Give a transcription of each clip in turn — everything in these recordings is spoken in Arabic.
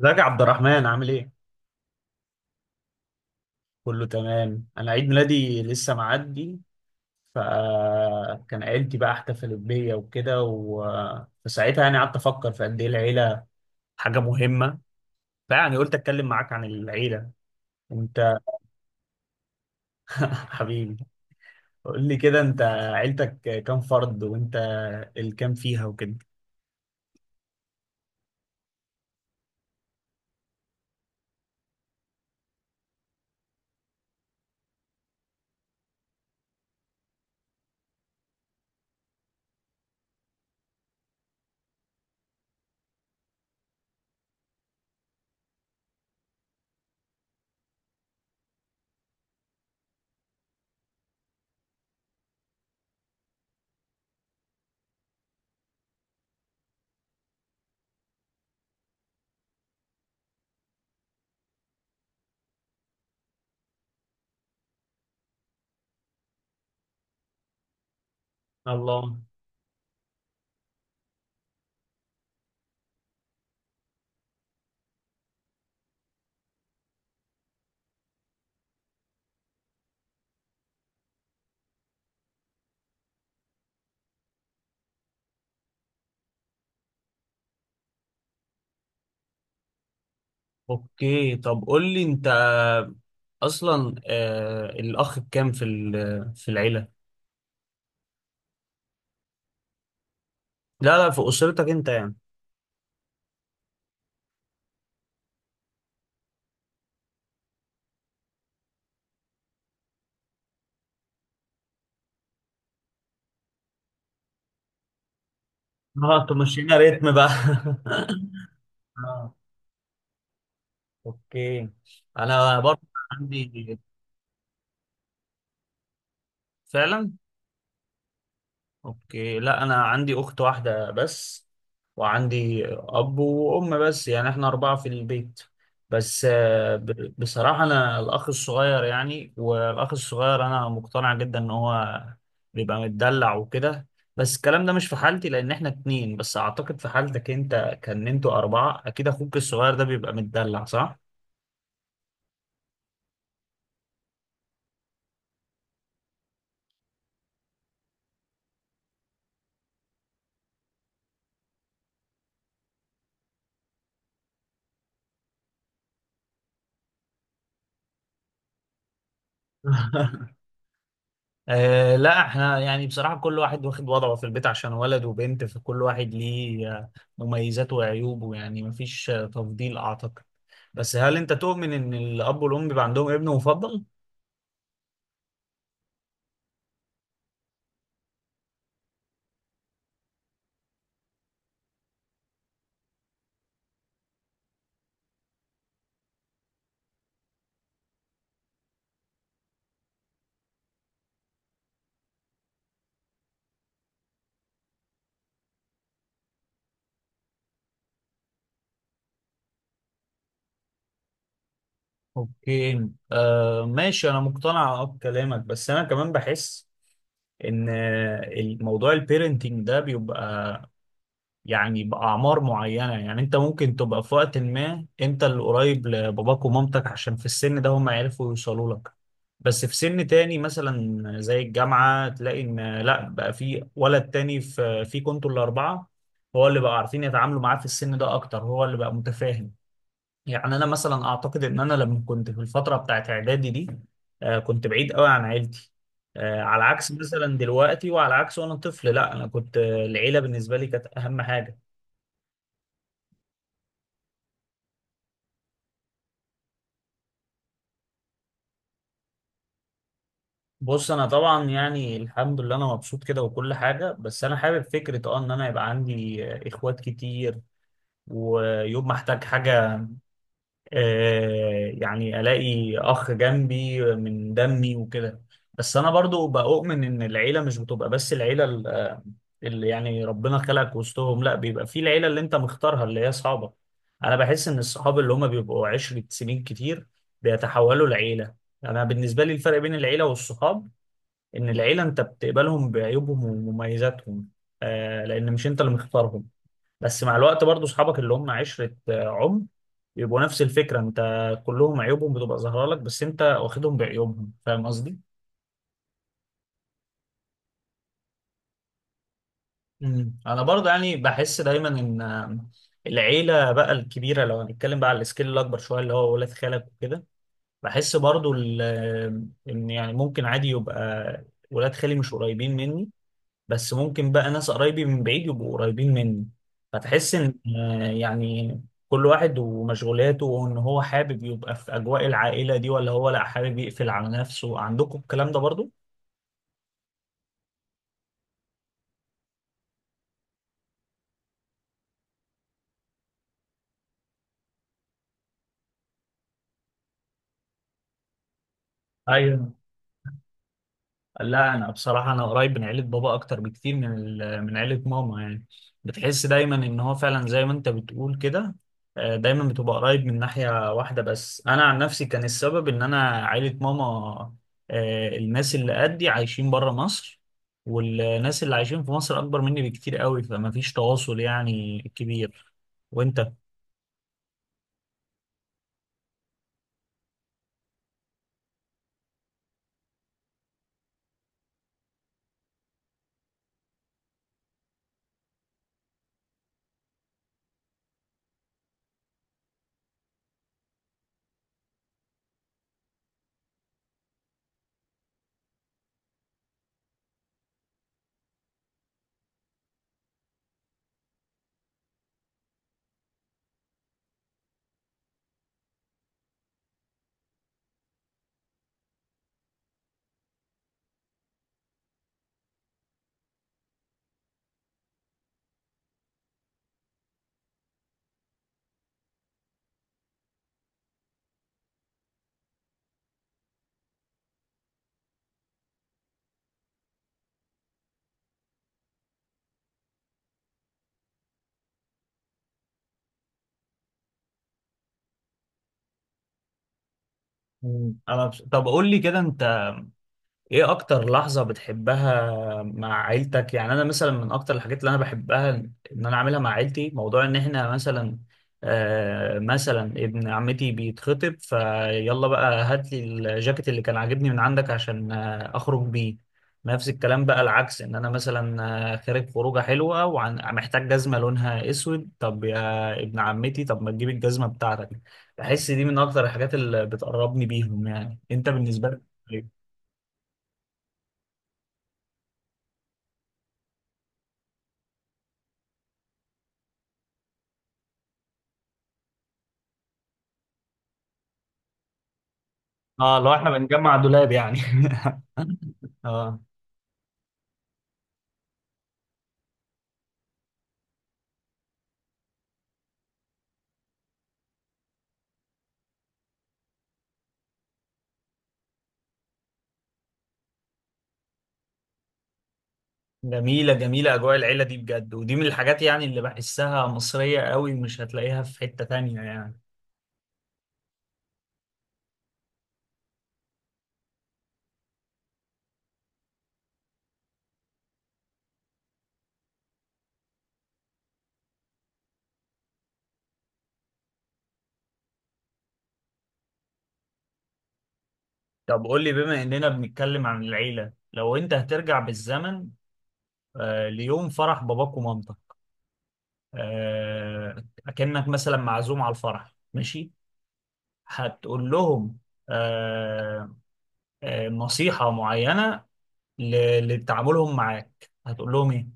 ازيك يا عبد الرحمن عامل ايه؟ كله تمام، انا عيد ميلادي لسه معدي. فكان عيلتي بقى احتفلت بيا وكده. فساعتها يعني قعدت افكر في قد ايه العيله حاجه مهمه. فيعني قلت اتكلم معاك عن العيله انت حبيبي. قول لي كده انت، عيلتك كام فرد، وانت الكام فيها وكده؟ الله. اوكي، طب قول لي انت اصلا، الاخ بكام في العيله؟ لا، لا، في اسرتك انت يعني. اه، تمشينا ريتم بقى. اه. اوكي. انا برضه عندي. فعلا. اوكي، لا انا عندي اخت واحده بس، وعندي اب وام، بس يعني احنا اربعه في البيت. بس بصراحه انا الاخ الصغير، يعني والاخ الصغير انا مقتنع جدا ان هو بيبقى متدلع وكده. بس الكلام ده مش في حالتي لان احنا اتنين بس، اعتقد في حالتك انت كان انتوا اربعه، اكيد اخوك الصغير ده بيبقى متدلع، صح؟ آه، لا احنا يعني بصراحة كل واحد واخد وضعه في البيت عشان ولد وبنت، فكل واحد ليه مميزاته وعيوبه، يعني مفيش تفضيل أعتقد. بس هل أنت تؤمن إن الأب والأم بيبقى عندهم ابن مفضل؟ اوكي، ماشي، أنا مقتنع بكلامك، بس أنا كمان بحس إن الموضوع البيرنتينج ده بيبقى يعني بأعمار معينة، يعني أنت ممكن تبقى في وقت ما أنت اللي قريب لباباك ومامتك عشان في السن ده هم يعرفوا يوصلوا لك. بس في سن تاني مثلا زي الجامعة تلاقي إن لأ، بقى في ولد تاني في كنتوا الأربعة، هو اللي بقى عارفين يتعاملوا معاه في السن ده أكتر، هو اللي بقى متفاهم. يعني أنا مثلا أعتقد إن أنا لما كنت في الفترة بتاعت إعدادي دي، كنت بعيد قوي عن عيلتي. على عكس مثلا دلوقتي، وعلى عكس وأنا طفل، لأ أنا كنت، العيلة بالنسبة لي كانت أهم حاجة. بص انا طبعا يعني الحمد لله انا مبسوط كده وكل حاجه، بس انا حابب فكره ان انا يبقى عندي اخوات كتير. ويوم ما احتاج حاجه يعني الاقي اخ جنبي من دمي وكده. بس انا برضو بؤمن ان العيله مش بتبقى بس العيله اللي يعني ربنا خلقك وسطهم، لا، بيبقى في العيله اللي انت مختارها، اللي هي اصحابك. انا بحس ان الصحاب اللي هم بيبقوا 10 سنين كتير بيتحولوا لعيله. انا بالنسبه لي الفرق بين العيله والصحاب ان العيله انت بتقبلهم بعيوبهم ومميزاتهم، لان مش انت اللي مختارهم. بس مع الوقت برضو اصحابك اللي هم عشره عمر يبقوا نفس الفكره انت، كلهم عيوبهم بتبقى ظاهره لك، بس انت واخدهم بعيوبهم، فاهم قصدي؟ انا برضو يعني بحس دايما ان العيله بقى الكبيره، لو هنتكلم بقى على السكيل الاكبر شويه اللي هو ولاد خالك وكده. بحس برضو ان يعني ممكن عادي يبقى ولاد خالي مش قريبين مني، بس ممكن بقى ناس قرايبي من بعيد يبقوا قريبين مني. فتحس ان يعني كل واحد ومشغولاته، وان هو حابب يبقى في اجواء العائله دي ولا هو، لا حابب يقفل على نفسه. عندكم الكلام ده برضو؟ ايوه. لا انا بصراحه، انا قريب من عيله بابا اكتر بكتير من من عيله ماما يعني. بتحس دايما ان هو فعلا زي ما انت بتقول كده، دايما بتبقى قريب من ناحيه واحده. بس انا عن نفسي كان السبب ان انا عيله ماما، الناس اللي قدي عايشين بره مصر، والناس اللي عايشين في مصر اكبر مني بكتير قوي، فما فيش تواصل يعني كبير. وانت؟ طب قول لي كده انت، ايه اكتر لحظة بتحبها مع عيلتك؟ يعني انا مثلا من اكتر الحاجات اللي انا بحبها ان انا اعملها مع عيلتي، موضوع ان احنا مثلا، مثلا ابن عمتي بيتخطب، فيلا بقى هات لي الجاكيت اللي كان عاجبني من عندك عشان اخرج بيه. نفس الكلام بقى العكس، ان انا مثلا خارج خروجه حلوه ومحتاج جزمه لونها اسود، طب يا ابن عمتي طب ما تجيب الجزمه بتاعتك. بحس دي من اكتر الحاجات اللي بتقربني بيهم، يعني انت بالنسبه لك إيه؟ اه، لو احنا بنجمع دولاب يعني. اه. جميلة، جميلة أجواء العيلة دي بجد، ودي من الحاجات يعني اللي بحسها مصرية قوي، مش هتلاقيها في حتة تانية يعني. طب قول لي، بما إننا بنتكلم عن العيلة، لو أنت هترجع بالزمن ليوم فرح باباك ومامتك، أكنك مثلا معزوم على الفرح ماشي، هتقول لهم آه نصيحة معينة لتعاملهم معاك، هتقول لهم إيه؟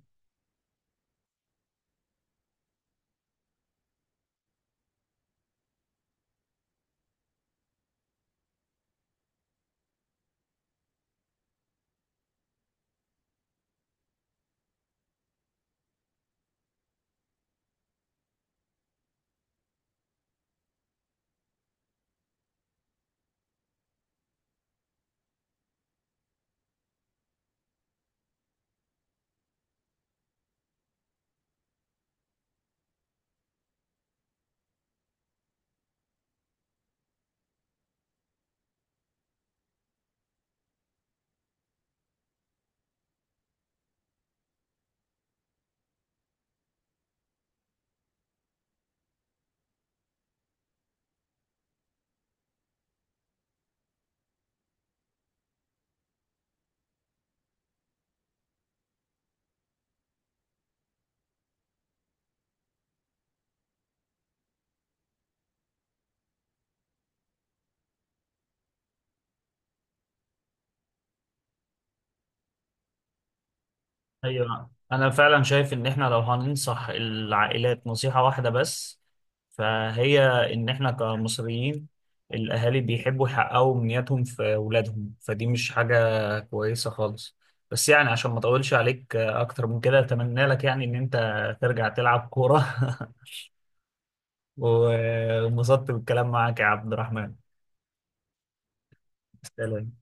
ايوه، انا فعلا شايف ان احنا لو هننصح العائلات نصيحة واحدة بس، فهي ان احنا كمصريين الاهالي بيحبوا يحققوا امنياتهم في اولادهم، فدي مش حاجة كويسة خالص. بس يعني عشان ما اطولش عليك اكتر من كده، اتمنى لك يعني ان انت ترجع تلعب كورة. وانبسطت بالكلام معاك يا عبد الرحمن. سلام.